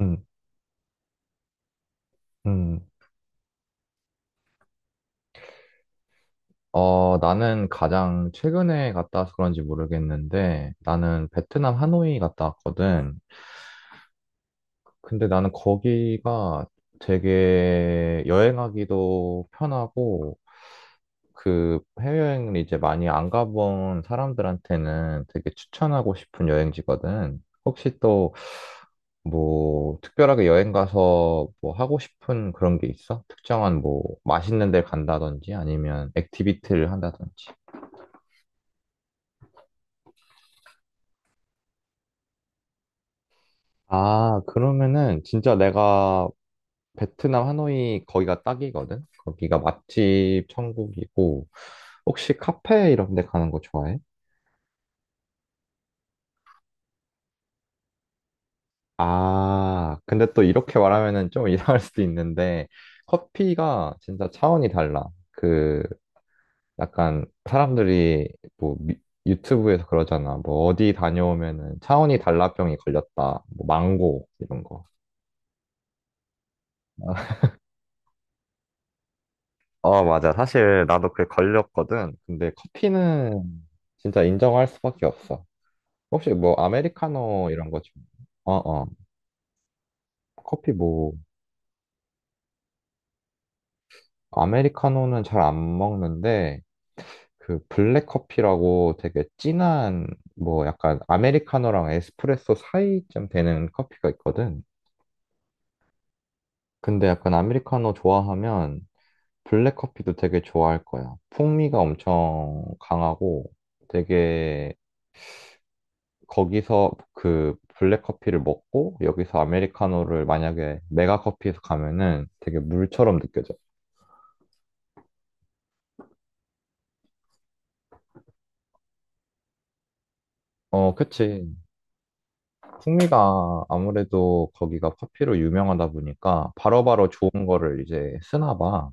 음, 음. 나는 가장 최근에 갔다 와서 그런지 모르겠는데, 나는 베트남 하노이 갔다 왔거든. 근데 나는 거기가 되게 여행하기도 편하고, 그 해외여행을 이제 많이 안 가본 사람들한테는 되게 추천하고 싶은 여행지거든. 혹시 또 뭐 특별하게 여행 가서 뭐 하고 싶은 그런 게 있어? 특정한 뭐 맛있는 데 간다든지 아니면 액티비티를 한다든지. 아, 그러면은 진짜 내가 베트남 하노이 거기가 딱이거든? 거기가 맛집 천국이고 혹시 카페 이런 데 가는 거 좋아해? 아, 근데 또 이렇게 말하면은 좀 이상할 수도 있는데 커피가 진짜 차원이 달라. 그 약간 사람들이 뭐 미- 유튜브에서 그러잖아. 뭐 어디 다녀오면은 차원이 달라병이 걸렸다. 뭐 망고 이런 거. 어, 맞아. 사실 나도 그게 걸렸거든. 근데 커피는 진짜 인정할 수밖에 없어. 혹시 뭐 아메리카노 이런 거 좀. 어, 어. 커피 뭐 아메리카노는 잘 안 먹는데 그 블랙 커피라고 되게 진한 뭐 약간 아메리카노랑 에스프레소 사이쯤 되는 커피가 있거든. 근데 약간 아메리카노 좋아하면 블랙 커피도 되게 좋아할 거야. 풍미가 엄청 강하고 되게 거기서 그 블랙 커피를 먹고 여기서 아메리카노를 만약에 메가 커피에서 가면은 되게 물처럼 느껴져. 어, 그치. 풍미가 아무래도 거기가 커피로 유명하다 보니까 바로바로 좋은 거를 이제 쓰나 봐.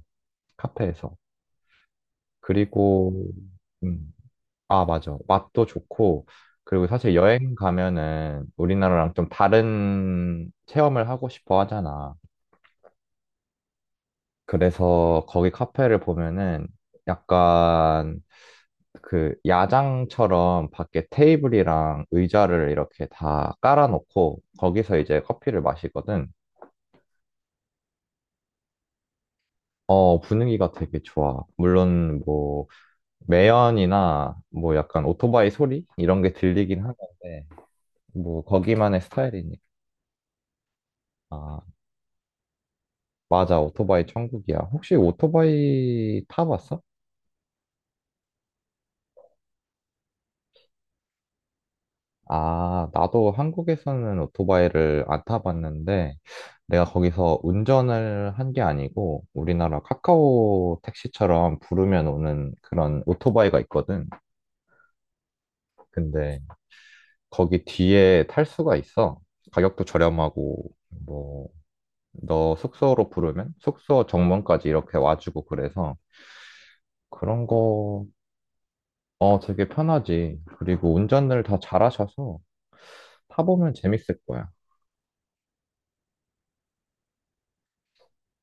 카페에서. 그리고, 음, 아, 맞아. 맛도 좋고, 그리고 사실 여행 가면은 우리나라랑 좀 다른 체험을 하고 싶어 하잖아. 그래서 거기 카페를 보면은 약간 그 야장처럼 밖에 테이블이랑 의자를 이렇게 다 깔아놓고 거기서 이제 커피를 마시거든. 어, 분위기가 되게 좋아. 물론 뭐 매연이나 뭐 약간 오토바이 소리 이런 게 들리긴 하는데 뭐 거기만의 스타일이니까. 아, 맞아. 오토바이 천국이야. 혹시 오토바이 타봤어? 아, 나도 한국에서는 오토바이를 안 타봤는데, 내가 거기서 운전을 한 게 아니고, 우리나라 카카오 택시처럼 부르면 오는 그런 오토바이가 있거든. 근데 거기 뒤에 탈 수가 있어. 가격도 저렴하고, 뭐, 너 숙소로 부르면 숙소 정문까지 이렇게 와주고 그래서 그런 거, 어, 되게 편하지. 그리고 운전을 다 잘하셔서 타보면 재밌을 거야.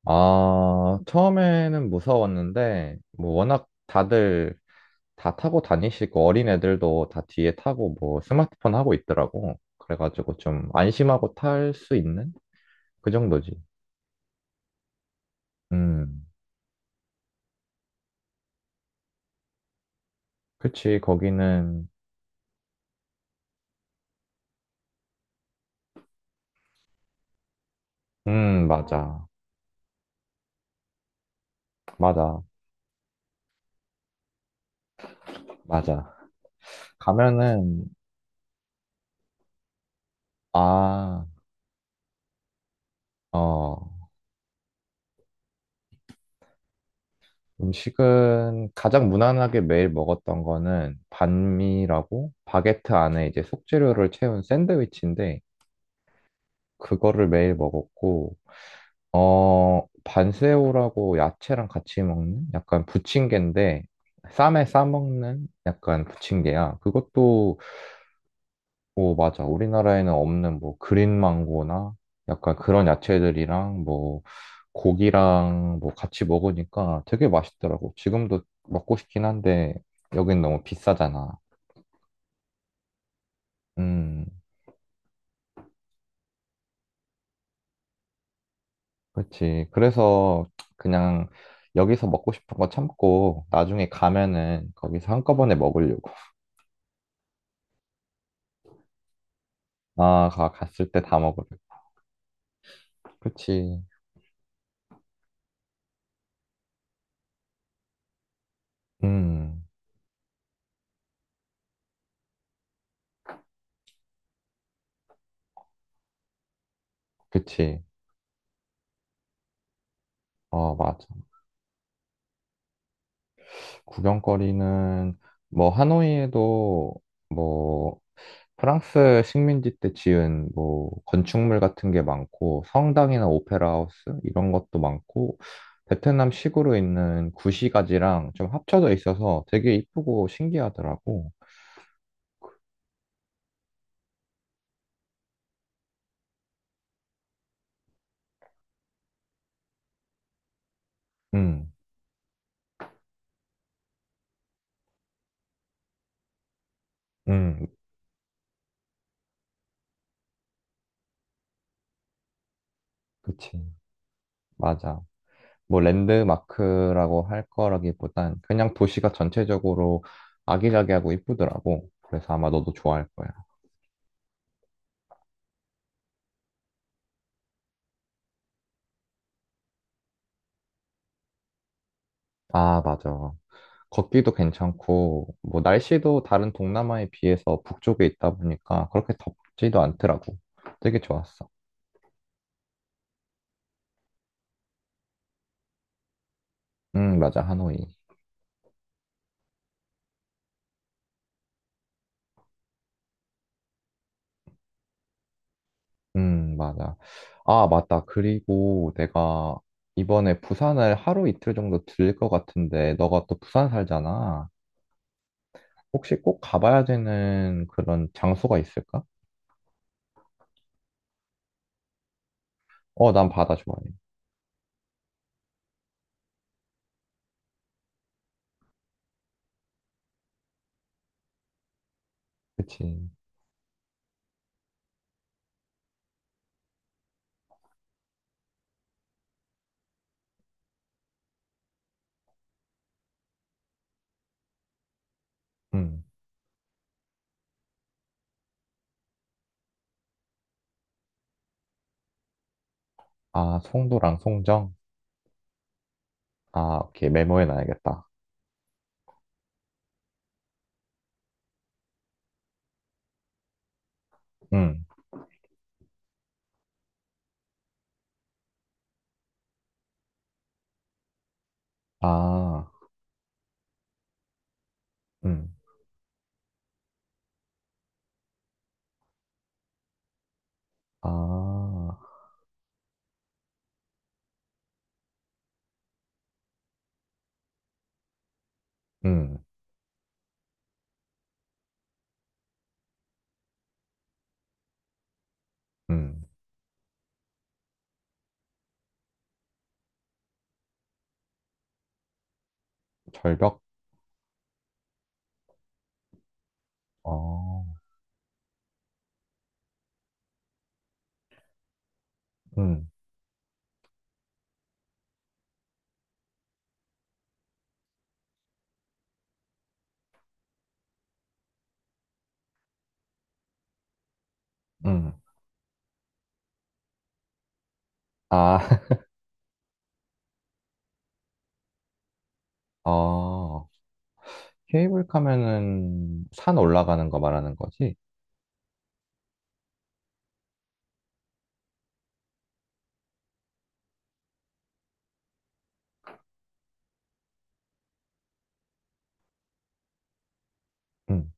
아, 처음에는 무서웠는데, 뭐, 워낙 다들 다 타고 다니시고, 어린 애들도 다 뒤에 타고, 뭐, 스마트폰 하고 있더라고. 그래가지고 좀 안심하고 탈 수 있는? 그 정도지. 음, 그치, 거기는, 맞아. 맞아. 맞아. 가면은, 아, 어, 음식은 가장 무난하게 매일 먹었던 거는 반미라고, 바게트 안에 이제 속재료를 채운 샌드위치인데, 그거를 매일 먹었고, 어, 반새우라고 야채랑 같이 먹는 약간 부침개인데, 쌈에 싸먹는 약간 부침개야. 그것도, 뭐, 맞아. 우리나라에는 없는 뭐, 그린 망고나 약간 그런 야채들이랑 뭐, 고기랑 뭐 같이 먹으니까 되게 맛있더라고. 지금도 먹고 싶긴 한데, 여긴 너무 비싸잖아. 음. 그렇지. 그래서 그냥 여기서 먹고 싶은 거 참고 나중에 가면은 거기서 한꺼번에 먹으려고. 갔을 때 다 먹으려고. 그치. 음, 그치. 어, 맞아. 구경거리는 뭐 하노이에도 뭐 프랑스 식민지 때 지은 뭐 건축물 같은 게 많고 성당이나 오페라 하우스 이런 것도 많고 베트남 식으로 있는 구시가지랑 좀 합쳐져 있어서 되게 이쁘고 신기하더라고. 음, 음, 그치. 맞아. 뭐, 랜드마크라고 할 거라기보단 그냥 도시가 전체적으로 아기자기하고 이쁘더라고. 그래서 아마 너도 좋아할 거야. 아, 맞아. 걷기도 괜찮고, 뭐, 날씨도 다른 동남아에 비해서 북쪽에 있다 보니까 그렇게 덥지도 않더라고. 되게 좋았어. 맞아. 하노이. 맞아. 아, 맞다. 그리고 내가 이번에 부산을 하루 이틀 정도 들것 같은데, 너가 또 부산 살잖아. 혹시 꼭 가봐야 되는 그런 장소가 있을까? 어, 난 바다 좋아해. 그치. 음. 아, 송도랑 송정? 아, 오케이. 메모해 놔야겠다. 음. 아, 음. 아, 음. 음. 절벽? 어, 음. 음. 아, 어. 케이블카면은 산 올라가는 거 말하는 거지? 음.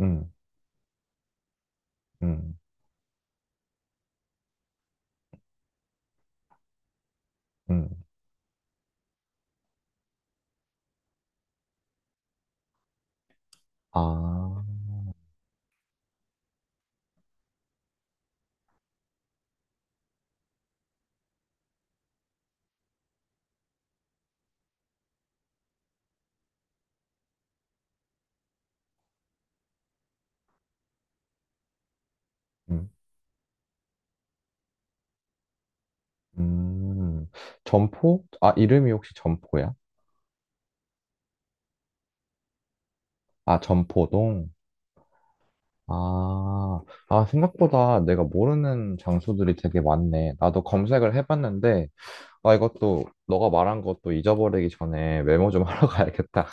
음. 음. 음. 아, 음. 음. 점포? 아, 이름이 혹시 점포야? 아, 점포동? 아, 아, 생각보다 내가 모르는 장소들이 되게 많네. 나도 검색을 해봤는데, 아, 이것도, 너가 말한 것도 잊어버리기 전에 메모 좀 하러 가야겠다.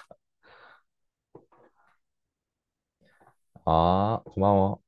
아, 고마워.